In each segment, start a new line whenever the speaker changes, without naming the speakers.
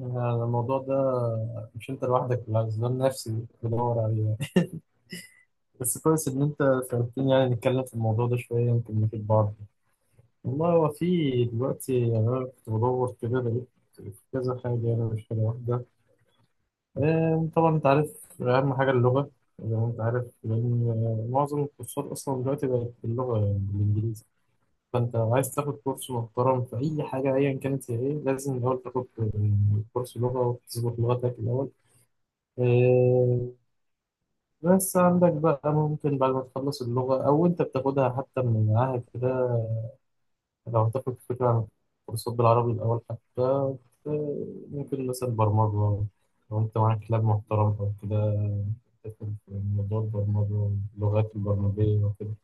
أنا الموضوع ده مش أنت لوحدك اللي عايزين نفسي بدور عليه يعني. بس كويس إن أنت سألتني يعني نتكلم في الموضوع ده شوية يمكن نفيد بعض. والله هو في دلوقتي يعني أنا كنت بدور كده لقيت كذا حاجة يعني مش حاجة واحدة. طبعا أنت عارف أهم حاجة اللغة، زي ما أنت عارف، لأن معظم الكورسات أصلا دلوقتي بقت باللغة يعني بالإنجليزي. فأنت لو عايز تاخد كورس محترم في أي حاجة أيا كانت هي إيه لازم الأول تاخد كورس لغة وتظبط لغتك الأول. آه، بس عندك بقى ممكن بعد ما تخلص اللغة أو أنت بتاخدها حتى من معاهد كده، لو هتاخد فكرة عن كورسات بالعربي الأول حتى، ت- ممكن مثلا برمجة. لو أنت معاك لاب محترم أو كده تاخد موضوع البرمجة، اللغات البرمجية وكده.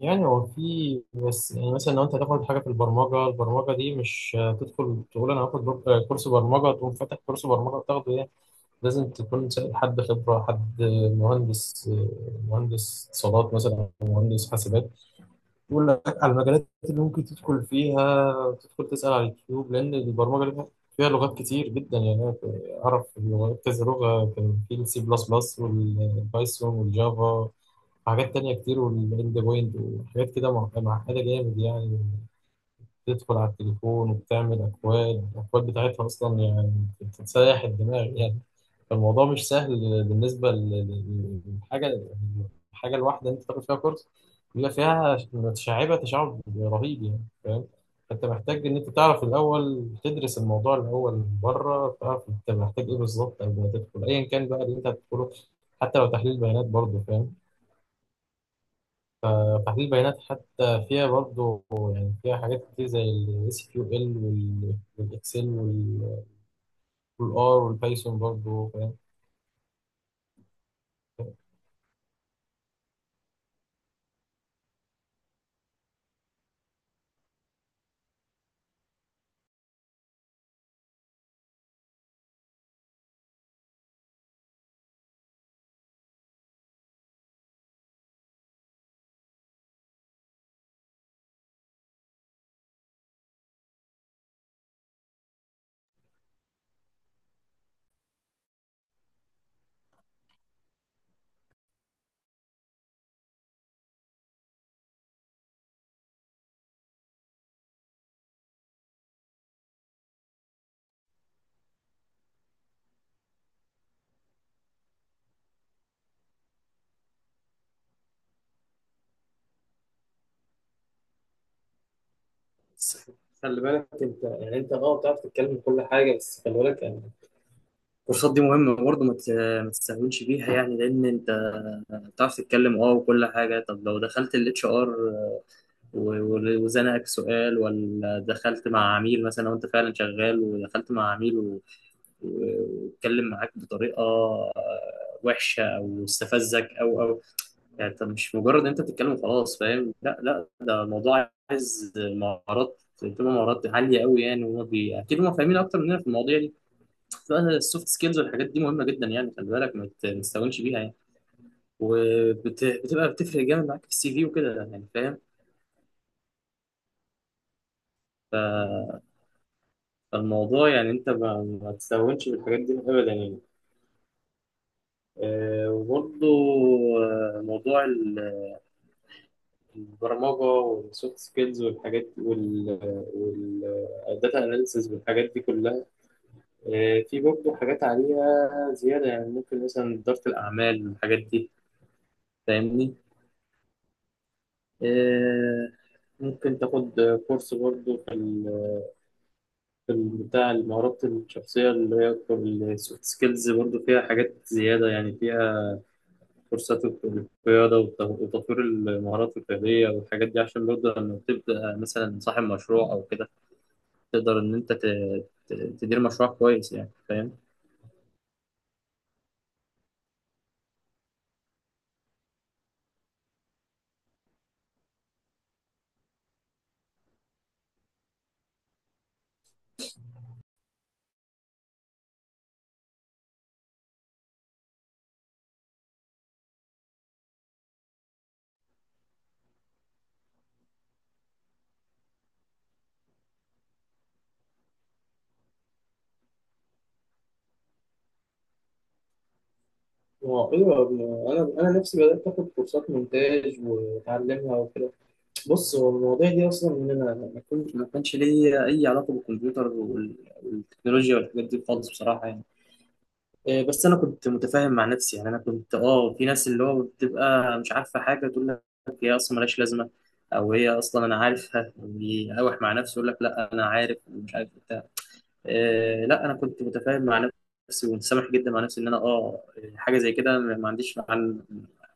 يعني هو في بس يعني مثلا لو أنت هتاخد حاجة في البرمجة، دي مش هتدخل تقول أنا هاخد كورس برمجة تقوم فاتح كورس برمجة وتاخده يعني. لازم تكون سائل حد خبرة، حد مهندس مهندس اتصالات مثلا أو مهندس حاسبات، يقول لك على المجالات اللي ممكن تدخل فيها. تدخل تسأل على اليوتيوب لأن البرمجة فيها لغات كتير جدا يعني. أنا كذا لغة، كان في السي بلس بلس والبايثون والجافا وحاجات تانية كتير، والإند بوينت وحاجات كده معقدة جامد يعني. تدخل على التليفون وبتعمل أكواد، الأكواد بتاعتها أصلا يعني بتسيح الدماغ يعني. فالموضوع مش سهل بالنسبة للحاجة، الواحدة أنت تاخد فيها كورس بيبقى فيها متشعبة تشعب رهيب يعني، فاهم؟ فأنت محتاج إن أنت تعرف الأول، تدرس الموضوع الأول من بره، تعرف أنت محتاج إيه بالظبط قبل ما تدخل أيا كان بقى اللي أنت هتدخله. حتى لو تحليل بيانات برضه فاهم، فتحليل بيانات حتى فيها برضه يعني فيها حاجات كتير زي ال SQL والإكسل والآر والبايثون برضه فاهم. يعني انت بتتكلم في كل حاجه، خلي بالك الكورسات دي مهمة برضه، ما تستهونش بيها يعني. لأن أنت بتعرف تتكلم أه وكل حاجة، طب لو دخلت ال HR وزنقك سؤال، ولا دخلت مع عميل مثلا لو أنت فعلا شغال، ودخلت مع عميل واتكلم معاك بطريقة وحشة أو استفزك أو يعني، أنت مش مجرد إن أنت بتتكلم وخلاص فاهم. لا ده الموضوع عايز مهارات، بتبقى مهارات عالية أوي يعني، وهما بي... أكيد هما فاهمين أكتر مننا في المواضيع دي بقى، السوفت سكيلز والحاجات دي مهمه جدا يعني. خلي بالك ما تستهونش بيها يعني، وبتبقى بتفرق جامد معاك في السي في وكده يعني فاهم. ف- فالموضوع يعني انت ما تستهونش بالحاجات دي ابدا يعني. وبرضه موضوع البرمجه والسوفت سكيلز والحاجات والداتا اناليسز والحاجات دي كلها، في برضه حاجات عليها زياده يعني، ممكن مثلا اداره الاعمال والحاجات دي فاهمني. آه، ممكن تاخد كورس برضه في بتاع المهارات الشخصية، اللي هي السوفت سكيلز، برضه فيها حاجات زيادة يعني، فيها كورسات القيادة وتطوير المهارات القيادية والحاجات دي، عشان برضه لما تبدأ مثلا صاحب مشروع أو كده تقدر إن أنت تدير مشروع كويس يعني، فاهم؟ هو ايوه، انا نفسي بدات اخد كورسات مونتاج واتعلمها وكده. بص هو المواضيع دي اصلا ان انا ما كانش ليا اي علاقه بالكمبيوتر والتكنولوجيا والحاجات دي خالص بصراحه يعني. بس انا كنت متفاهم مع نفسي يعني، انا كنت اه في ناس اللي هو بتبقى مش عارفه حاجه تقول لك هي اصلا ملهاش لازمه، او هي اصلا انا عارفها، يقاوح مع نفسه يقول لك لا انا عارف مش عارف بتاع. آه لا انا كنت متفاهم مع نفسي ومتسامح جدا مع نفسي ان انا اه حاجه زي كده ما عنديش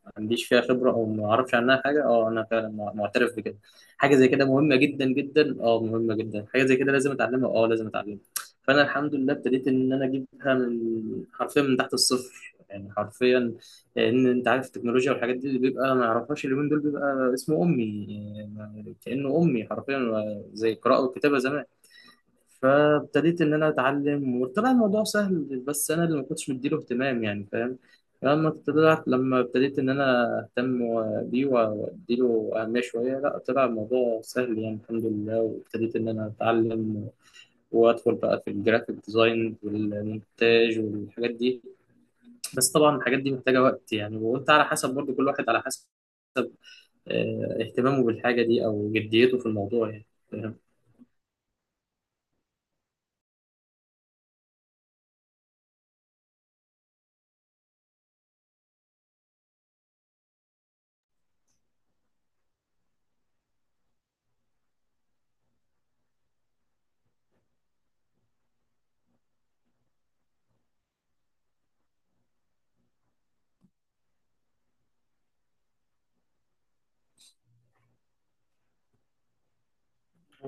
ما عنديش فيها خبره او ما اعرفش عنها حاجه، اه انا فعلا معترف بكده. حاجه زي كده مهمه جدا، اه مهمه جدا، حاجه زي كده لازم اتعلمها، اه لازم اتعلمها. فانا الحمد لله ابتديت ان انا اجيبها من، حرفيا من تحت الصفر يعني حرفيا، لان انت عارف التكنولوجيا والحاجات دي اللي بيبقى ما يعرفهاش اليومين دول بيبقى اسمه امي، يعني كانه امي حرفيا، زي القراءه والكتابه زمان. فابتديت ان انا اتعلم وطلع الموضوع سهل، بس انا اللي ما كنتش مديله اهتمام يعني فاهم. لما طلعت، لما ابتديت ان انا اهتم بيه واديله اهميه شويه، لا طلع الموضوع سهل يعني الحمد لله، وابتديت ان انا اتعلم وادخل بقى في الجرافيك ديزاين والمونتاج والحاجات دي. بس طبعا الحاجات دي محتاجه وقت يعني، وانت على حسب برضه، كل واحد على حسب اهتمامه بالحاجه دي او جديته في الموضوع يعني.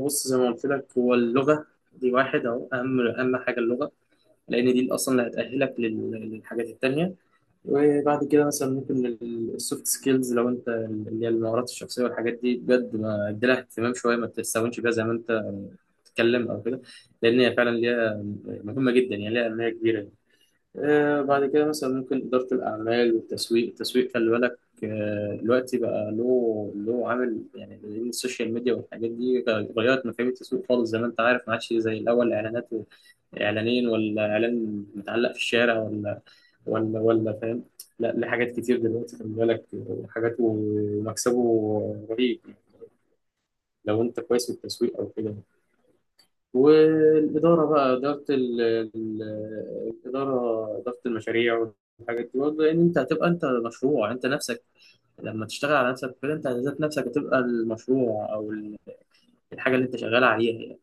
بص زي ما قلت لك، هو اللغة دي واحد أهو، أهم حاجة اللغة، لأن دي اللي أصلا اللي هتأهلك للحاجات التانية. وبعد كده مثلا ممكن السوفت سكيلز، لو أنت اللي هي المهارات الشخصية والحاجات دي بجد ما اديلها اهتمام شوية ما تستهونش بيها، زي ما أنت بتتكلم أو كده، لأن هي فعلا ليها، مهمة جدا يعني، ليها أهمية كبيرة. بعد كده مثلا ممكن إدارة الأعمال والتسويق، خلي بالك دلوقتي بقى له عامل يعني، لأن السوشيال ميديا والحاجات دي غيرت مفاهيم التسويق خالص زي ما أنت عارف. ما عادش زي الأول إعلانات، إعلانين، ولا إعلان متعلق في الشارع ولا ولا فاهم. لا ليه حاجات كتير دلوقتي خلي بالك، وحاجات ومكسبه رهيب لو أنت كويس في التسويق أو كده. والإدارة بقى، إدارة الإدارة، إدارة المشاريع والحاجات دي برضه، لأن أنت هتبقى أنت مشروع، أنت نفسك لما تشتغل على نفسك كده، أنت ذات نفسك هتبقى المشروع أو الحاجة اللي أنت شغال عليها يعني.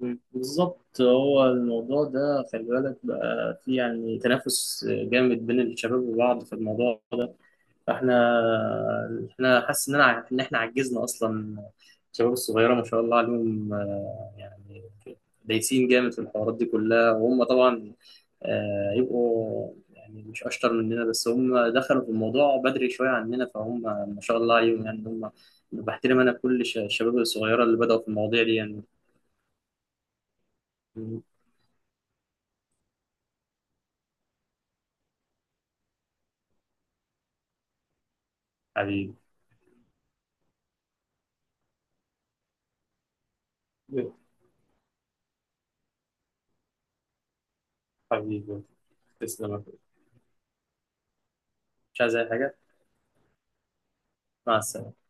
بالظبط، هو الموضوع ده خلي بالك بقى في يعني تنافس جامد بين الشباب وبعض في الموضوع ده. فاحنا احنا حاسس ان انا ان احنا عجزنا اصلا، الشباب الصغيره ما شاء الله عليهم، يعني دايسين جامد في الحوارات دي كلها. وهم طبعا يبقوا يعني مش اشطر مننا بس هم دخلوا في الموضوع بدري شويه عننا، فهم ما شاء الله عليهم يعني. هم بحترم انا كل الشباب الصغيره اللي بداوا في المواضيع دي يعني. حبيبي. حبيبي، تسلم. مش عايز اي حاجه. مع السلامه.